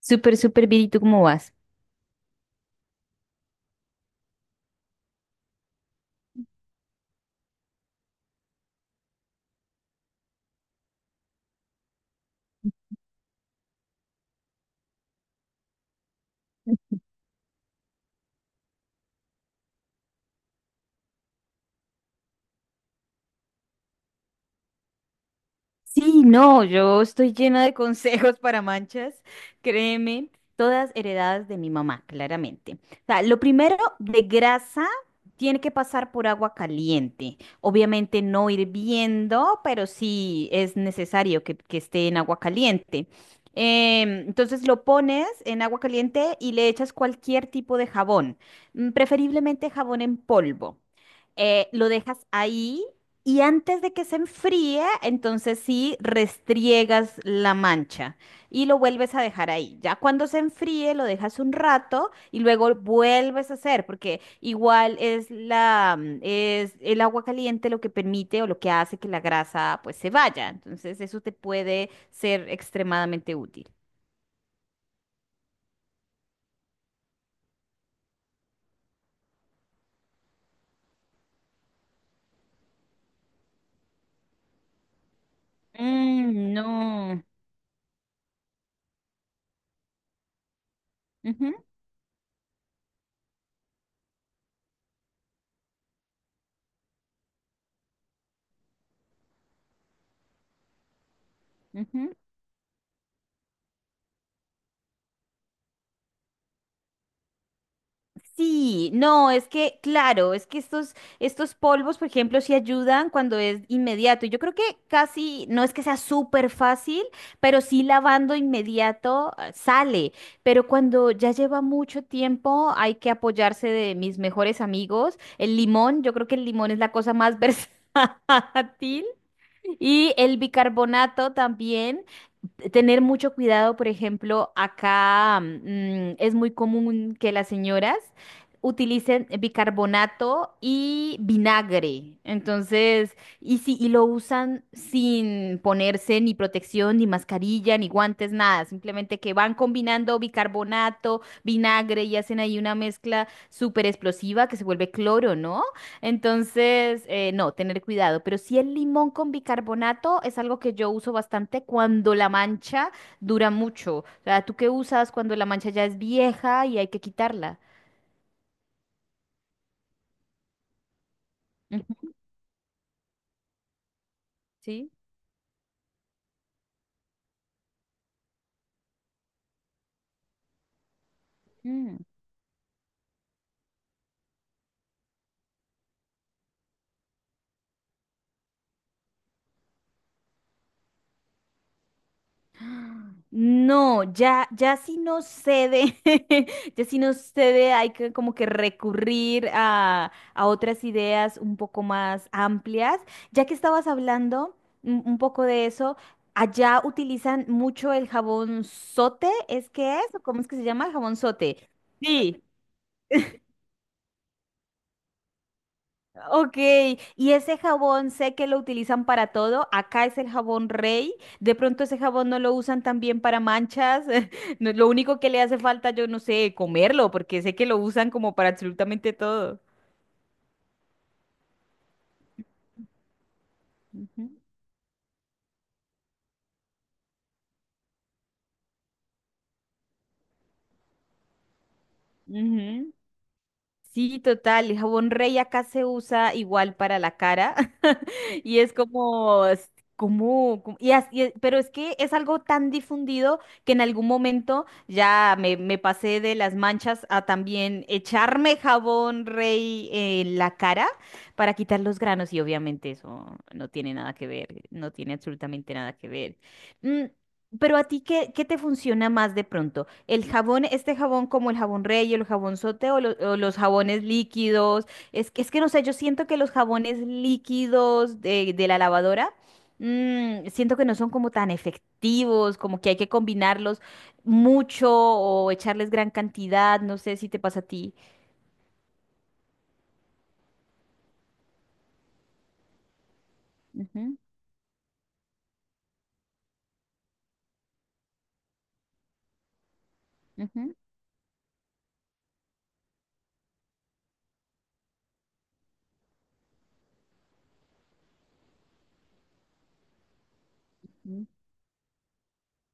Súper, súper bien. ¿Y tú cómo vas? Sí, no, yo estoy llena de consejos para manchas, créeme, todas heredadas de mi mamá, claramente. O sea, lo primero, de grasa, tiene que pasar por agua caliente. Obviamente no hirviendo, pero sí es necesario que esté en agua caliente. Entonces lo pones en agua caliente y le echas cualquier tipo de jabón, preferiblemente jabón en polvo. Lo dejas ahí. Y antes de que se enfríe, entonces sí restriegas la mancha y lo vuelves a dejar ahí. Ya cuando se enfríe, lo dejas un rato y luego vuelves a hacer, porque igual es el agua caliente lo que permite o lo que hace que la grasa pues se vaya. Entonces eso te puede ser extremadamente útil. Mm, no. Ujú, ujú. Sí, no, es que, claro, es que estos polvos, por ejemplo, sí ayudan cuando es inmediato. Yo creo que casi, no es que sea súper fácil, pero sí lavando inmediato sale. Pero cuando ya lleva mucho tiempo, hay que apoyarse de mis mejores amigos. El limón, yo creo que el limón es la cosa más versátil. Y el bicarbonato también. Tener mucho cuidado, por ejemplo, acá es muy común que las señoras utilicen bicarbonato y vinagre. Entonces, lo usan sin ponerse ni protección, ni mascarilla, ni guantes, nada, simplemente que van combinando bicarbonato, vinagre y hacen ahí una mezcla súper explosiva que se vuelve cloro, ¿no? Entonces, no, tener cuidado. Pero sí, el limón con bicarbonato es algo que yo uso bastante cuando la mancha dura mucho. O sea, ¿tú qué usas cuando la mancha ya es vieja y hay que quitarla? Ujú. ¿Sí? No, ya, ya si no cede, ya si no cede, hay que como que recurrir a otras ideas un poco más amplias. Ya que estabas hablando un poco de eso, allá utilizan mucho el jabón sote, ¿es que es? ¿O cómo es que se llama el jabón sote? Sí. Ok, y ese jabón sé que lo utilizan para todo. Acá es el jabón Rey. De pronto ese jabón no lo usan también para manchas. No, lo único que le hace falta, yo no sé, comerlo, porque sé que lo usan como para absolutamente todo. Ujú, ujú. Sí, total, el jabón Rey acá se usa igual para la cara y es pero es que es algo tan difundido que en algún momento ya me pasé de las manchas a también echarme jabón Rey en la cara para quitar los granos y obviamente eso no tiene nada que ver, no tiene absolutamente nada que ver. Mm, pero a ti, ¿qué te funciona más de pronto? ¿El jabón, este jabón como el jabón Rey, el jabón sote o, o los jabones líquidos? Es que no sé, yo siento que los jabones líquidos de la lavadora, siento que no son como tan efectivos, como que hay que combinarlos mucho o echarles gran cantidad, no sé si te pasa a ti. Ujú, ujú.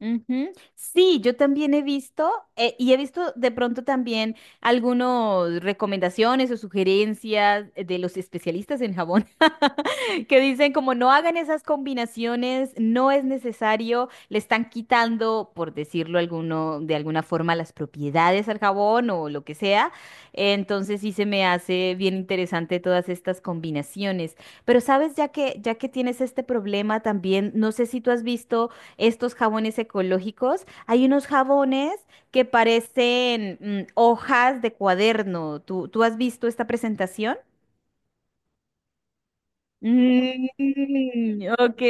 Ujú. Sí, yo también he visto y he visto de pronto también algunas recomendaciones o sugerencias de los especialistas en jabón que dicen como no hagan esas combinaciones, no es necesario, le están quitando, por decirlo alguno, de alguna forma, las propiedades al jabón o lo que sea. Entonces sí se me hace bien interesante todas estas combinaciones. Pero sabes, ya que tienes este problema también, no sé si tú has visto estos jabones ecológicos. Hay unos jabones que parecen hojas de cuaderno. ¿Tú, tú has visto esta presentación? Mm, ok.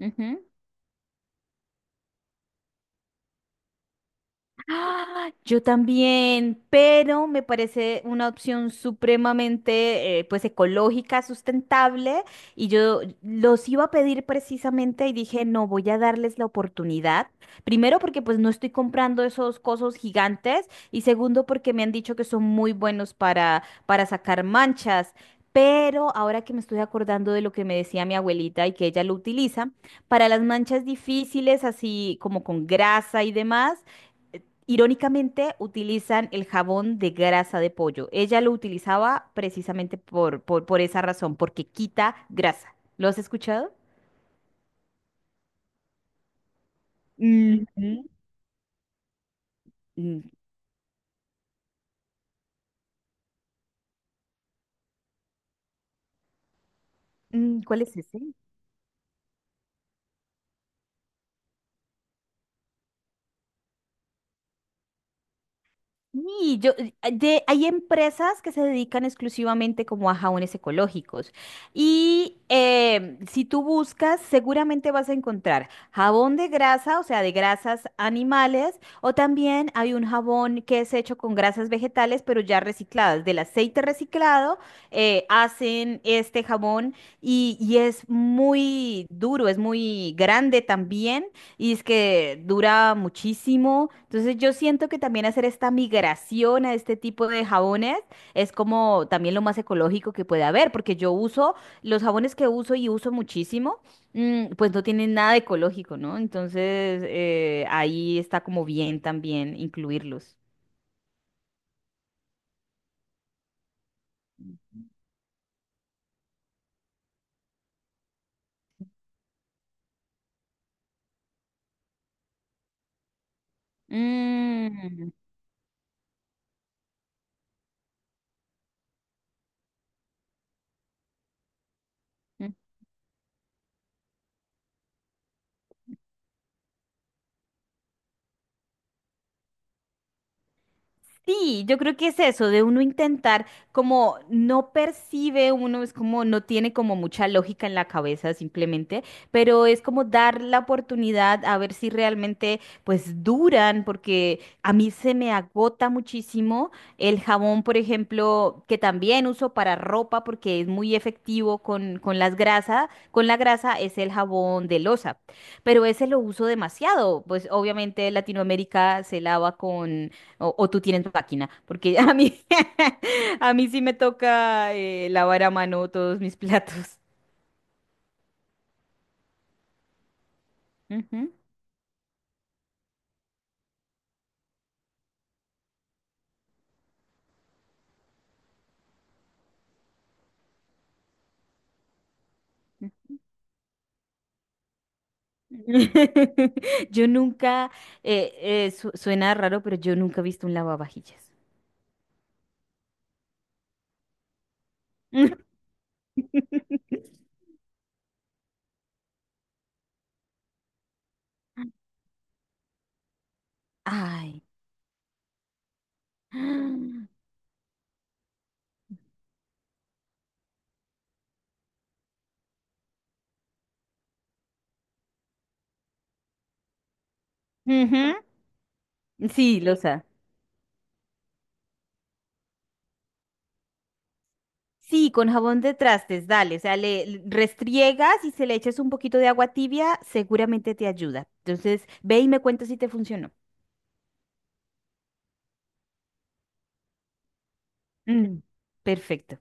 Ujú. ¡Ah! Yo también, pero me parece una opción supremamente pues ecológica, sustentable, y yo los iba a pedir precisamente y dije, no, voy a darles la oportunidad. Primero porque pues no estoy comprando esos cosos gigantes, y segundo porque me han dicho que son muy buenos para sacar manchas. Pero ahora que me estoy acordando de lo que me decía mi abuelita y que ella lo utiliza, para las manchas difíciles, así como con grasa y demás, irónicamente, utilizan el jabón de grasa de pollo. Ella lo utilizaba precisamente por esa razón, porque quita grasa. ¿Lo has escuchado? Ujú. Mm, ¿Cuál es ese? Y yo, hay empresas que se dedican exclusivamente como a jabones ecológicos. Y si tú buscas, seguramente vas a encontrar jabón de grasa, o sea, de grasas animales, o también hay un jabón que es hecho con grasas vegetales, pero ya recicladas. Del aceite reciclado hacen este jabón, y es muy duro, es muy grande también y es que dura muchísimo. Entonces yo siento que también hacer esta migración a este tipo de jabones es como también lo más ecológico que puede haber, porque yo uso los jabones que uso y uso muchísimo, pues no tienen nada ecológico, ¿no? Entonces ahí está como bien también incluirlos. Mm. Sí, yo creo que es eso, de uno intentar, como no percibe uno, es como no tiene como mucha lógica en la cabeza simplemente, pero es como dar la oportunidad a ver si realmente pues duran, porque a mí se me agota muchísimo el jabón, por ejemplo, que también uso para ropa porque es muy efectivo con las grasas, con la grasa es el jabón de loza, pero ese lo uso demasiado, pues obviamente Latinoamérica se lava, o tú tienes máquina, porque a mí, a mí sí me toca lavar a mano todos mis platos. Ujú. Yo nunca, eh, suena raro, pero yo nunca he visto un lavavajillas. Ay. Ujú. Sí, losa. Sí, con jabón de trastes, dale. O sea, le le restriegas y se le echas un poquito de agua tibia, seguramente te ayuda. Entonces, ve y me cuentas si te funcionó. Mm. Perfecto.